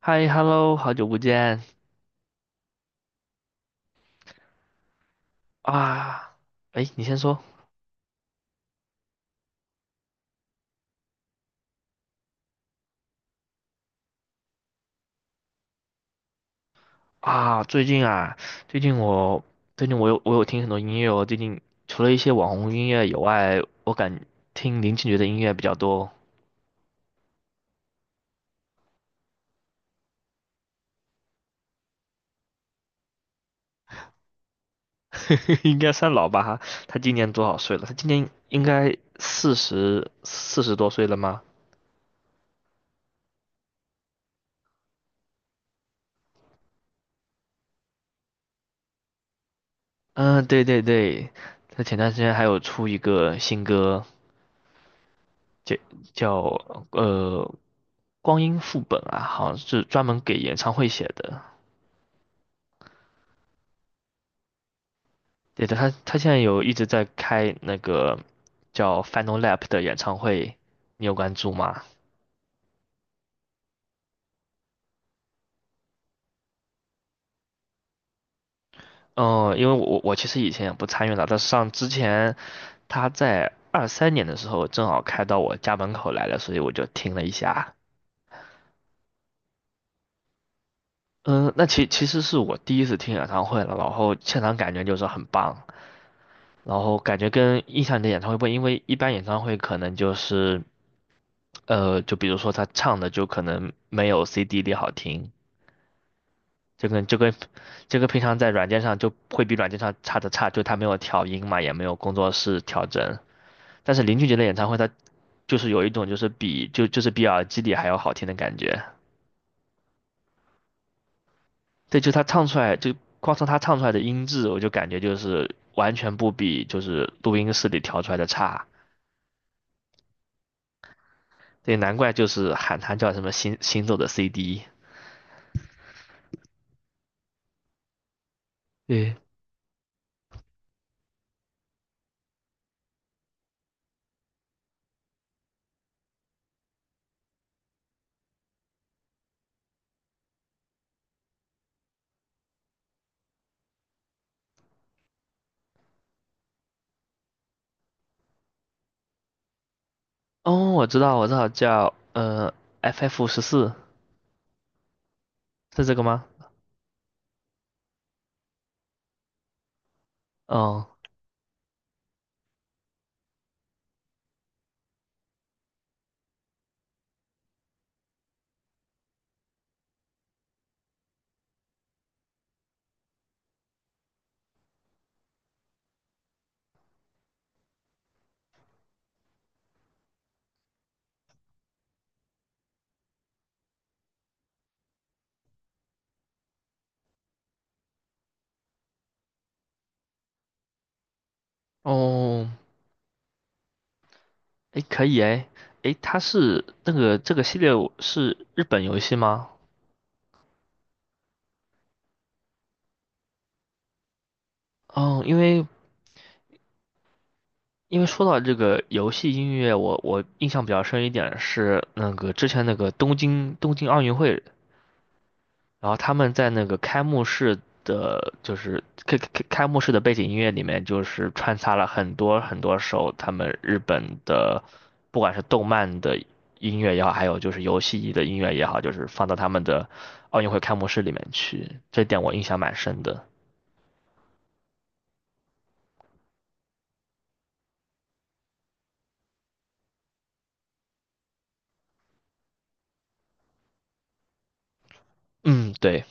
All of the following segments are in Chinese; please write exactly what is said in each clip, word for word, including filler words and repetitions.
嗨，hello，好久不见啊！哎，你先说啊。最近啊，最近我最近我有我有听很多音乐哦。最近除了一些网红音乐以外，我感听林俊杰的音乐比较多。应该算老吧哈。他今年多少岁了？他今年应该四十四十多岁了吗？嗯，对对对，他前段时间还有出一个新歌，叫叫呃《光阴副本》啊，好像是专门给演唱会写的。对的，他他现在有一直在开那个叫 Final Lap 的演唱会，你有关注吗？嗯，因为我我其实以前也不参与了，但是上之前他在二三年的时候正好开到我家门口来了，所以我就听了一下。嗯，那其其实是我第一次听演唱会了，然后现场感觉就是很棒，然后感觉跟印象里的演唱会不一样，因为一般演唱会可能就是呃，就比如说他唱的就可能没有 C D 里好听，就跟就跟这个平常在软件上就会比软件上差的差，就他没有调音嘛，也没有工作室调整。但是林俊杰的演唱会，他就是有一种就是比就就是比耳机里还要好听的感觉。对，就他唱出来，就光从他唱出来的音质，我就感觉就是完全不比就是录音室里调出来的差。对，难怪就是喊他叫什么行行走的 C D。对，哦，我知道，我知道叫呃 F F 十四是这个吗？哦哦，诶，可以诶，诶，它是那个这个系列是日本游戏吗？嗯，因为因为说到这个游戏音乐，我我印象比较深一点是那个之前那个东京东京奥运会然后他们在那个开幕式的，就是开开开幕式的背景音乐里面，就是穿插了很多很多首他们日本的，不管是动漫的音乐也好，还有就是游戏的音乐也好，就是放到他们的奥运会开幕式里面去，这点我印象蛮深的。嗯，对，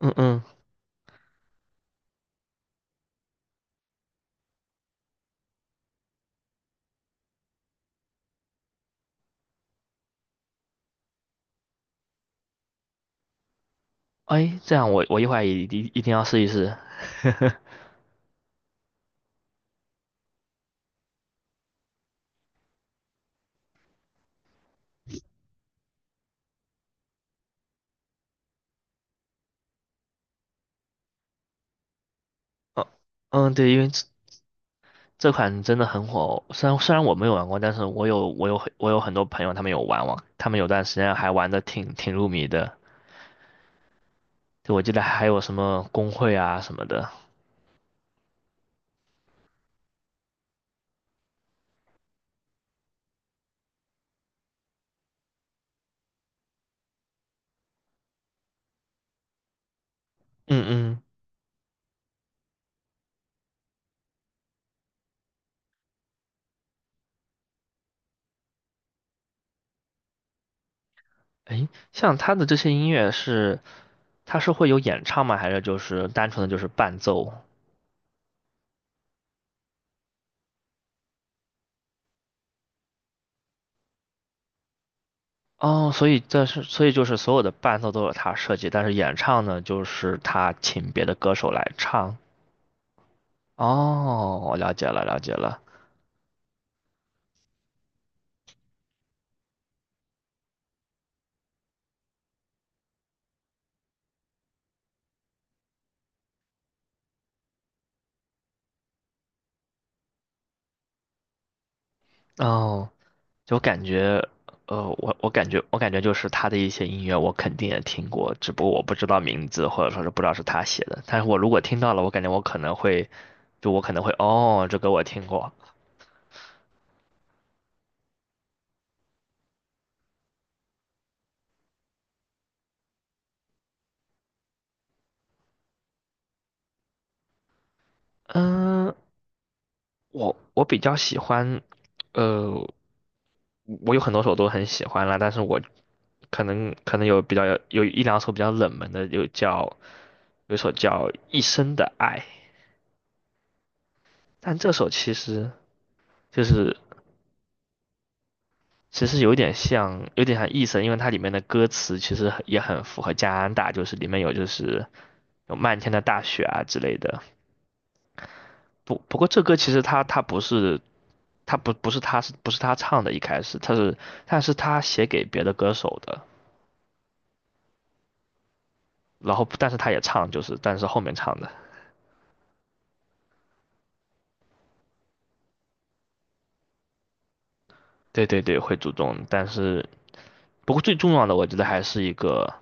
嗯嗯，哎，这样我我一会儿一一一定要试一试。哦，嗯，对，因为这款真的很火哦，虽然虽然我没有玩过，但是我有我有我有很多朋友他们有玩玩，他们有段时间还玩的挺挺入迷的。就我记得还有什么公会啊什么的。嗯嗯，诶，像他的这些音乐是，他是会有演唱吗？还是就是单纯的就是伴奏？哦，所以这是所以就是所有的伴奏都是他设计，但是演唱呢，就是他请别的歌手来唱。哦，我了解了，了解了。哦，就感觉，呃，我我感觉我感觉就是他的一些音乐我肯定也听过，只不过我不知道名字或者说是不知道是他写的。但是我如果听到了，我感觉我可能会，就我可能会哦，这歌我听过。嗯，我我比较喜欢，呃，我有很多首都很喜欢啦，但是我可能可能有比较有有一两首比较冷门的，有叫有一首叫《一生的爱》，但这首其实就是其实有点像，有点像意思，因为它里面的歌词其实也很符合加拿大，就是里面有就是有漫天的大雪啊之类的。不过这歌其实他他不是他不不是他是不是他唱的，一开始他是但是他写给别的歌手的，然后但是他也唱就是但是后面唱的，对对对会主动，但是不过最重要的我觉得还是一个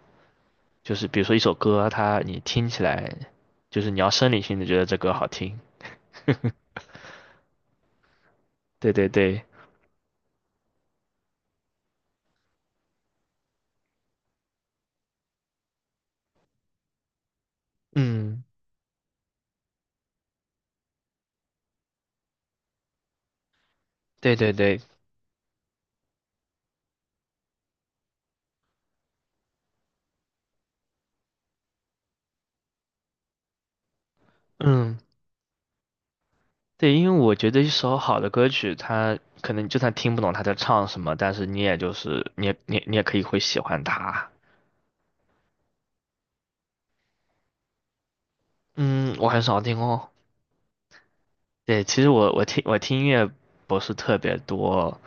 就是比如说一首歌，它你听起来就是你要生理性的觉得这歌好听，对对对，嗯。对对对，嗯，对，因为我觉得一首好的歌曲，它可能就算听不懂他在唱什么，但是你也就是你也你也你也可以会喜欢它。嗯，我很少听哦。对，其实我我听我听音乐不是特别多，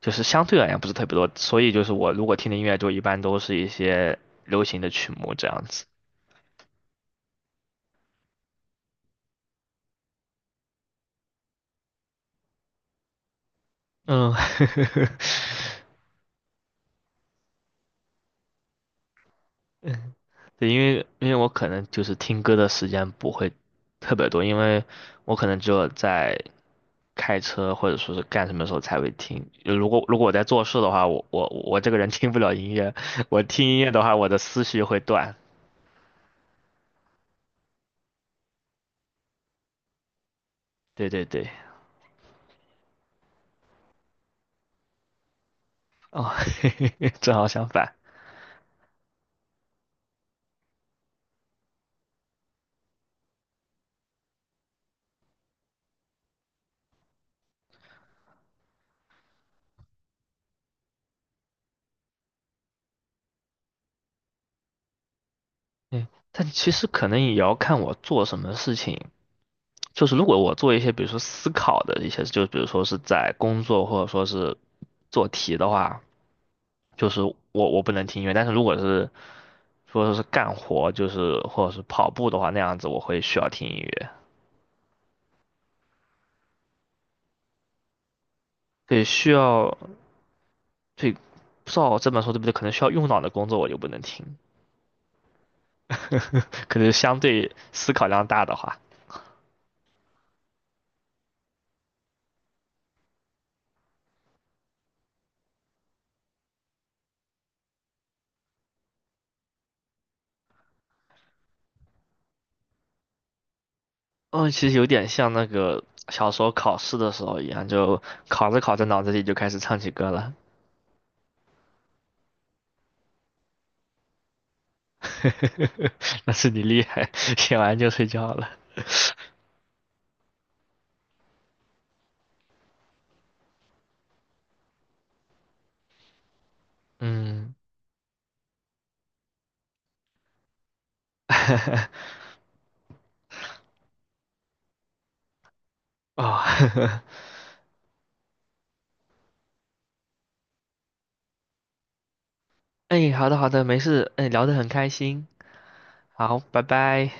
就是相对而言不是特别多，所以就是我如果听的音乐就一般都是一些流行的曲目这样子。嗯，对，因为因为我可能就是听歌的时间不会特别多，因为我可能只有在开车或者说是干什么时候才会听。就如果如果我在做事的话，我我我这个人听不了音乐，我听音乐的话，我的思绪会断。对对对，哦，正好相反。嗯，但其实可能也要看我做什么事情。就是如果我做一些，比如说思考的一些，就比如说是在工作或者说是做题的话，就是我我不能听音乐。但是如果是说是干活，就是或者是跑步的话，那样子我会需要听音乐。对，需要所以不知道这本书对不对，可能需要用脑的工作我就不能听，可能相对思考量大的话，嗯，其实有点像那个小时候考试的时候一样，就考着考着脑子里就开始唱起歌了，那是你厉害，写完就睡觉了，嗯，哦，哎，好的好的，没事，哎，聊得很开心，好，拜拜。